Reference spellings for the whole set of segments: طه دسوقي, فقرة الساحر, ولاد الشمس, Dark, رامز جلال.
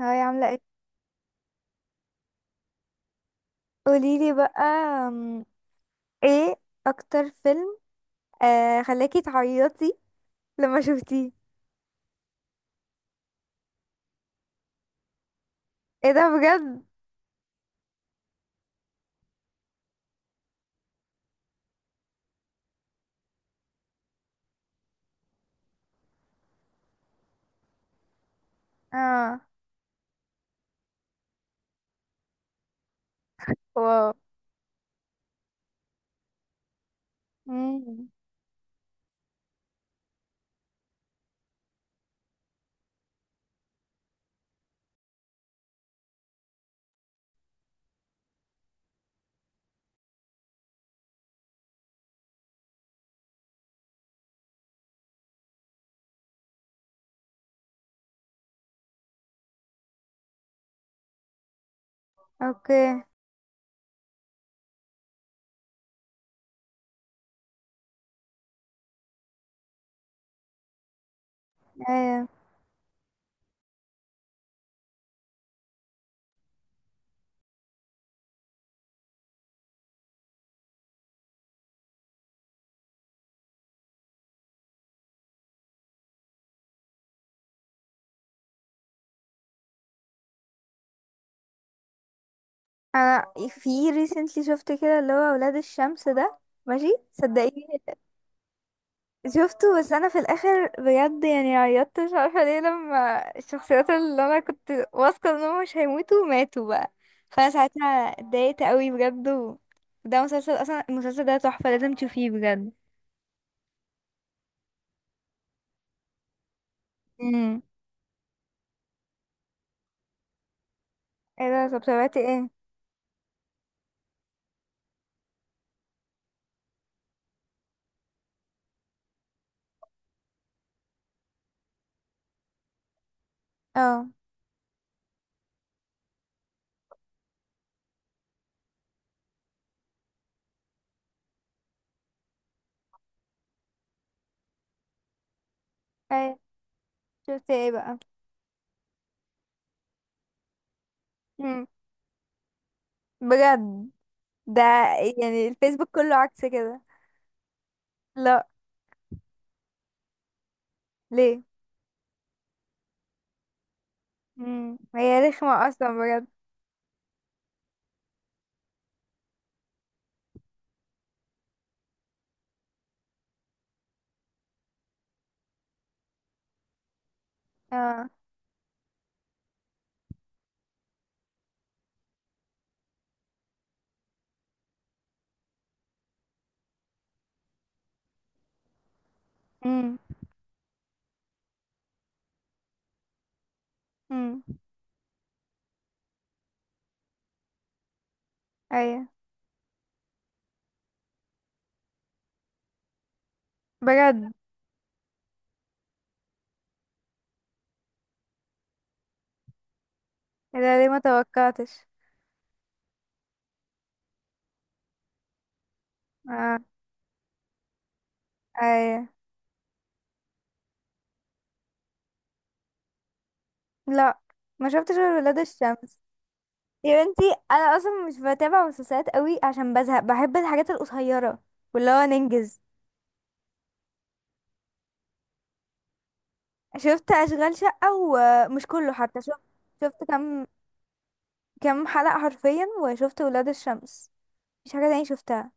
هاي، عاملة ايه؟ قوليلي بقى، ايه اكتر فيلم خلاكي تعيطي لما شفتيه؟ ايه ده بجد؟ اه، واو. مم. اوكي، ايوه. انا في recently شفت كده اللي هو ولاد الشمس ده، ماشي صدقيني. شفته بس انا في الاخر بجد يعني عيطت، مش عارفه ليه لما الشخصيات اللي انا كنت واثقه انهم مش هيموتوا ماتوا بقى. فانا ساعتها اتضايقت قوي بجد و. ده مسلسل اصلا، المسلسل ده تحفه، لازم تشوفيه بجد. امم. ايه ده؟ طب تابعتي ايه؟ اه. ايه شفتي ايه بقى؟ امم. بجد. ده يعني الفيسبوك كله عكس كده. لا. ليه؟ امم، هي رخمه اصلا بجد. اه. امم. امم. ايوه. بجد. ايه ده ليه ما توقعتش؟ اه. ايوه. لا، ما شفتش غير ولاد الشمس. يا بنتي، انا اصلا مش بتابع مسلسلات قوي عشان بزهق، بحب الحاجات القصيره واللي هو ننجز. شفت اشغال شقه ومش كله، حتى شفت كم، كم حلقه حرفيا وشفت ولاد الشمس، مش حاجه تانية شفتها.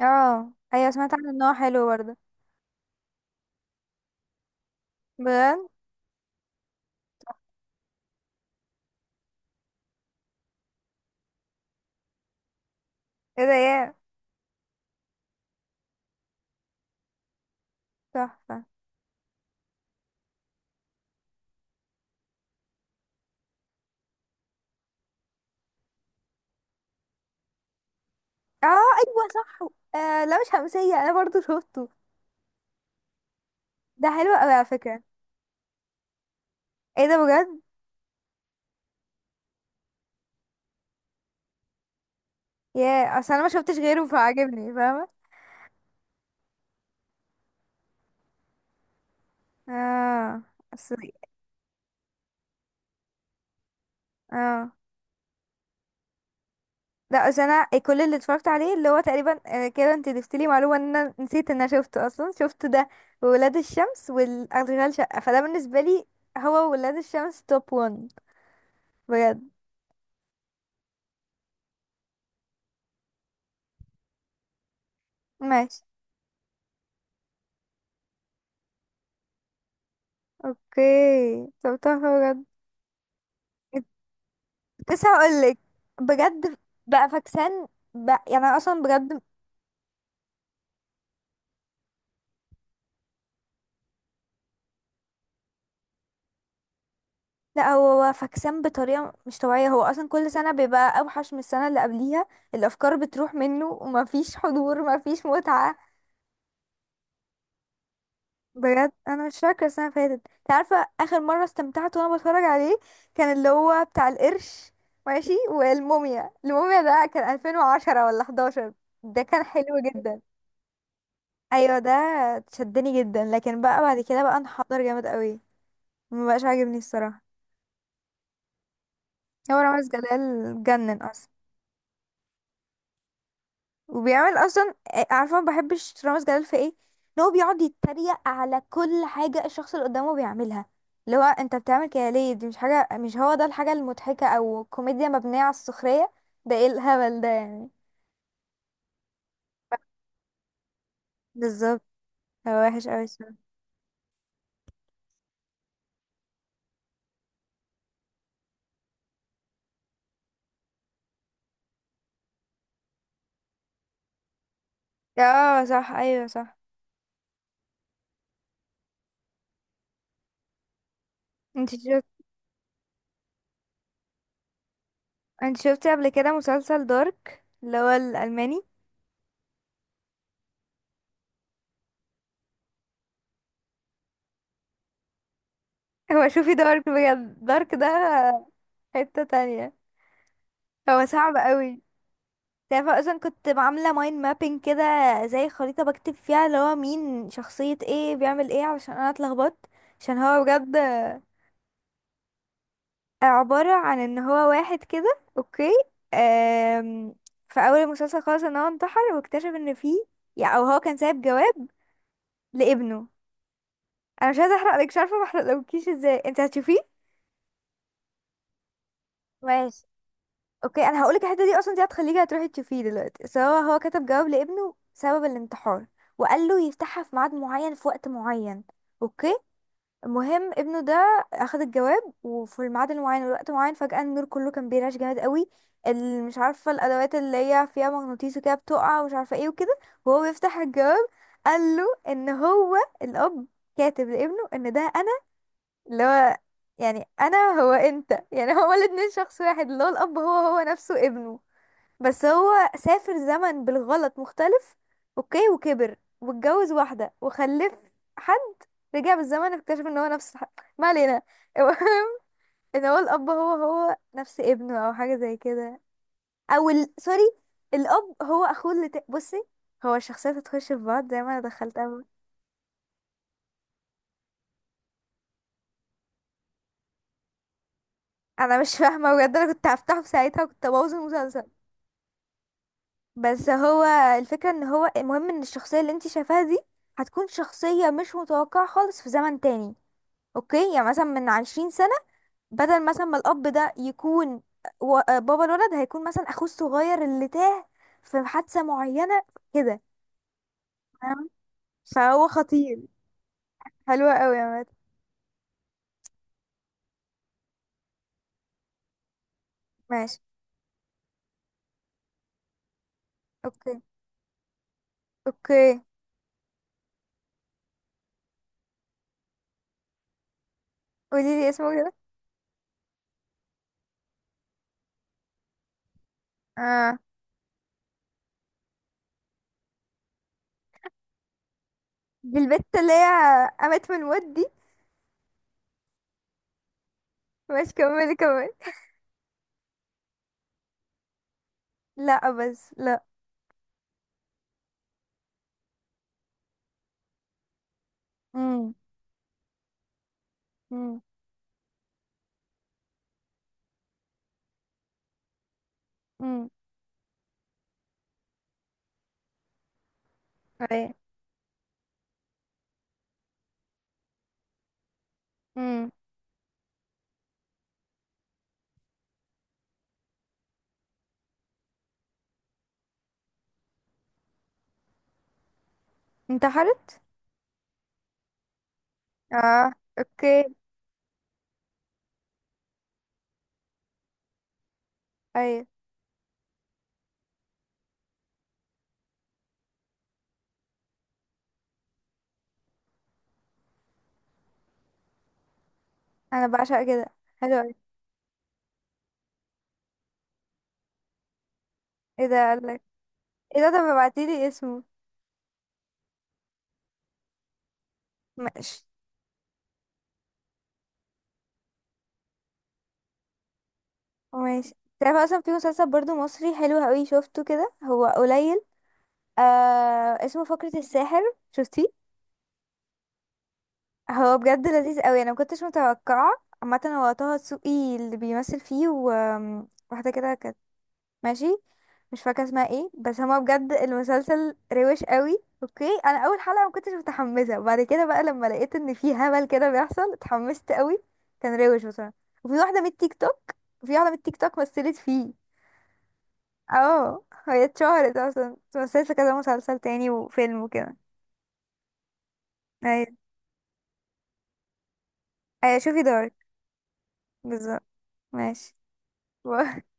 اه ايوه، سمعت عنه ان هو حلو برضه. بجد. ايه ده يا؟ تحفه. اه ايوه صح. آه، لا، مش همسيه انا برضه شفته. ده حلو قوي على فكره. ايه ده بجد. يا اصل انا ما شفتش غيره فعجبني فاهمه. اه. اصل. اه، لا، اصل انا كل اللي اتفرجت عليه اللي هو تقريبا كده، انت ضفتي لي معلومه ان انا نسيت ان انا شفته اصلا. شفت ده، وولاد الشمس والاشغال شقه فده بالنسبه لي. هو ولاد الشمس توب 1 بجد. ماشي. اوكي، طب طب بجد. لسه هقولك. بجد بقى فاكسان، بقى يعني انا اصلا بجد. لا، هو فكسان بطريقة مش طبيعية، هو أصلا كل سنة بيبقى أوحش من السنة اللي قبليها، الأفكار بتروح منه ومفيش حضور، مفيش متعة. بجد أنا مش فاكرة السنة اللي فاتت، انت عارفة آخر مرة استمتعت وأنا بتفرج عليه كان اللي هو بتاع القرش، ماشي، والموميا. الموميا ده كان 2010 ولا 11. ده كان حلو جدا. أيوة ده شدني جدا، لكن بقى بعد كده بقى انحدر جامد قوي، مبقاش عاجبني الصراحة. هو رامز جلال جنن أصلا. وبيعمل اصلا عارفه ما بحبش رامز جلال في ايه؟ ان هو بيقعد يتريق على كل حاجه الشخص اللي قدامه بيعملها. اللي هو انت بتعمل كده ليه؟ دي مش حاجه، مش هو ده الحاجه المضحكه، او كوميديا مبنيه على السخريه. ده ايه الهبل ده يعني؟ بالظبط، هو وحش قوي الصراحه. اه صح، ايوه صح. انت شفت، انت شفتي قبل كده مسلسل دارك اللي هو الالماني؟ هو شوفي دارك بجد، دارك ده حته تانية، هو صعب قوي. تعرفي اصلا كنت عامله مايند مابينج كده، زي خريطه بكتب فيها اللي هو مين شخصيه ايه بيعمل ايه علشان انا اتلخبطت، عشان هو بجد. عباره عن ان هو واحد كده، اوكي. آم، في اول المسلسل خالص ان هو انتحر واكتشف ان فيه، يعني او هو كان سايب جواب لابنه. انا مش عايزه احرق لك، مش عارفه ما احرقلكيش ازاي انت هتشوفيه. ماشي. اوكي انا هقولك الحته دي اصلا دي هتخليكي هتروحي تشوفيه دلوقتي. سواء هو كتب جواب لابنه سبب الانتحار، وقال له يفتحها في ميعاد معين في وقت معين، اوكي. المهم ابنه ده اخد الجواب وفي الميعاد المعين والوقت المعين فجاه النور كله كان بيرعش جامد قوي. مش عارفه الادوات اللي هي فيها مغناطيس وكده بتقع ومش عارفه ايه وكده، وهو بيفتح الجواب. قال له ان هو الاب كاتب لابنه ان ده انا، اللي هو يعني انا هو انت، يعني هو الاتنين شخص واحد، اللي هو الاب هو هو نفسه ابنه. بس هو سافر زمن بالغلط مختلف، اوكي، وكبر واتجوز واحدة وخلف حد، رجع بالزمن اكتشف ان هو نفس حد. ما علينا المهم ان هو الاب هو هو نفس ابنه او حاجة زي كده. سوري، الاب هو اخوه بصي، هو الشخصيات هتخش في بعض زي ما انا دخلتها. انا مش فاهمة بجد، انا كنت هفتحه في ساعتها وكنت ابوظ المسلسل. بس هو الفكرة ان هو، المهم ان الشخصية اللي انت شايفاها دي هتكون شخصية مش متوقعة خالص في زمن تاني، اوكي. يعني مثلا من 20 سنة، بدل مثلا ما الأب ده يكون بابا الولد هيكون مثلا أخوه الصغير اللي تاه في حادثة معينة، كده، فاهمة؟ فهو خطير. حلوة قوي يا مات. ماشي. اوكي. اوكي قولي لي اسمه كده. اه، دي البت اللي هي قامت من الموت دي؟ ماشي، كملي كملي. لا، بس لا. امم. امم. امم. ايه. امم. انتحرت. اه. اوكي. ايوه. انا بعشق كده. حلو قوي. ايه ده قالك؟ ايه ده، طب ابعتيلي اسمه. ماشي. ماشي، تعرف اصلا في مسلسل برضو مصري حلو قوي شفته كده هو قليل، اسمه فقرة الساحر. شفتيه؟ هو بجد لذيذ قوي انا مكنتش متوقعة. عامة هو طه دسوقي اللي بيمثل فيه وواحدة كده كانت، ماشي، مش فاكره اسمها ايه، بس هما بجد المسلسل روش قوي. اوكي انا اول حلقه ما كنتش متحمسه وبعد كده بقى لما لقيت ان في هبل كده بيحصل اتحمست قوي، كان روش بصراحه. وفي واحده من التيك توك، في واحده من التيك توك مثلت فيه. اه هي اتشهرت اصلا، مثلت في كذا مسلسل تاني وفيلم وكده. ايوه. ايوه شوفي دارك. بالظبط. ماشي.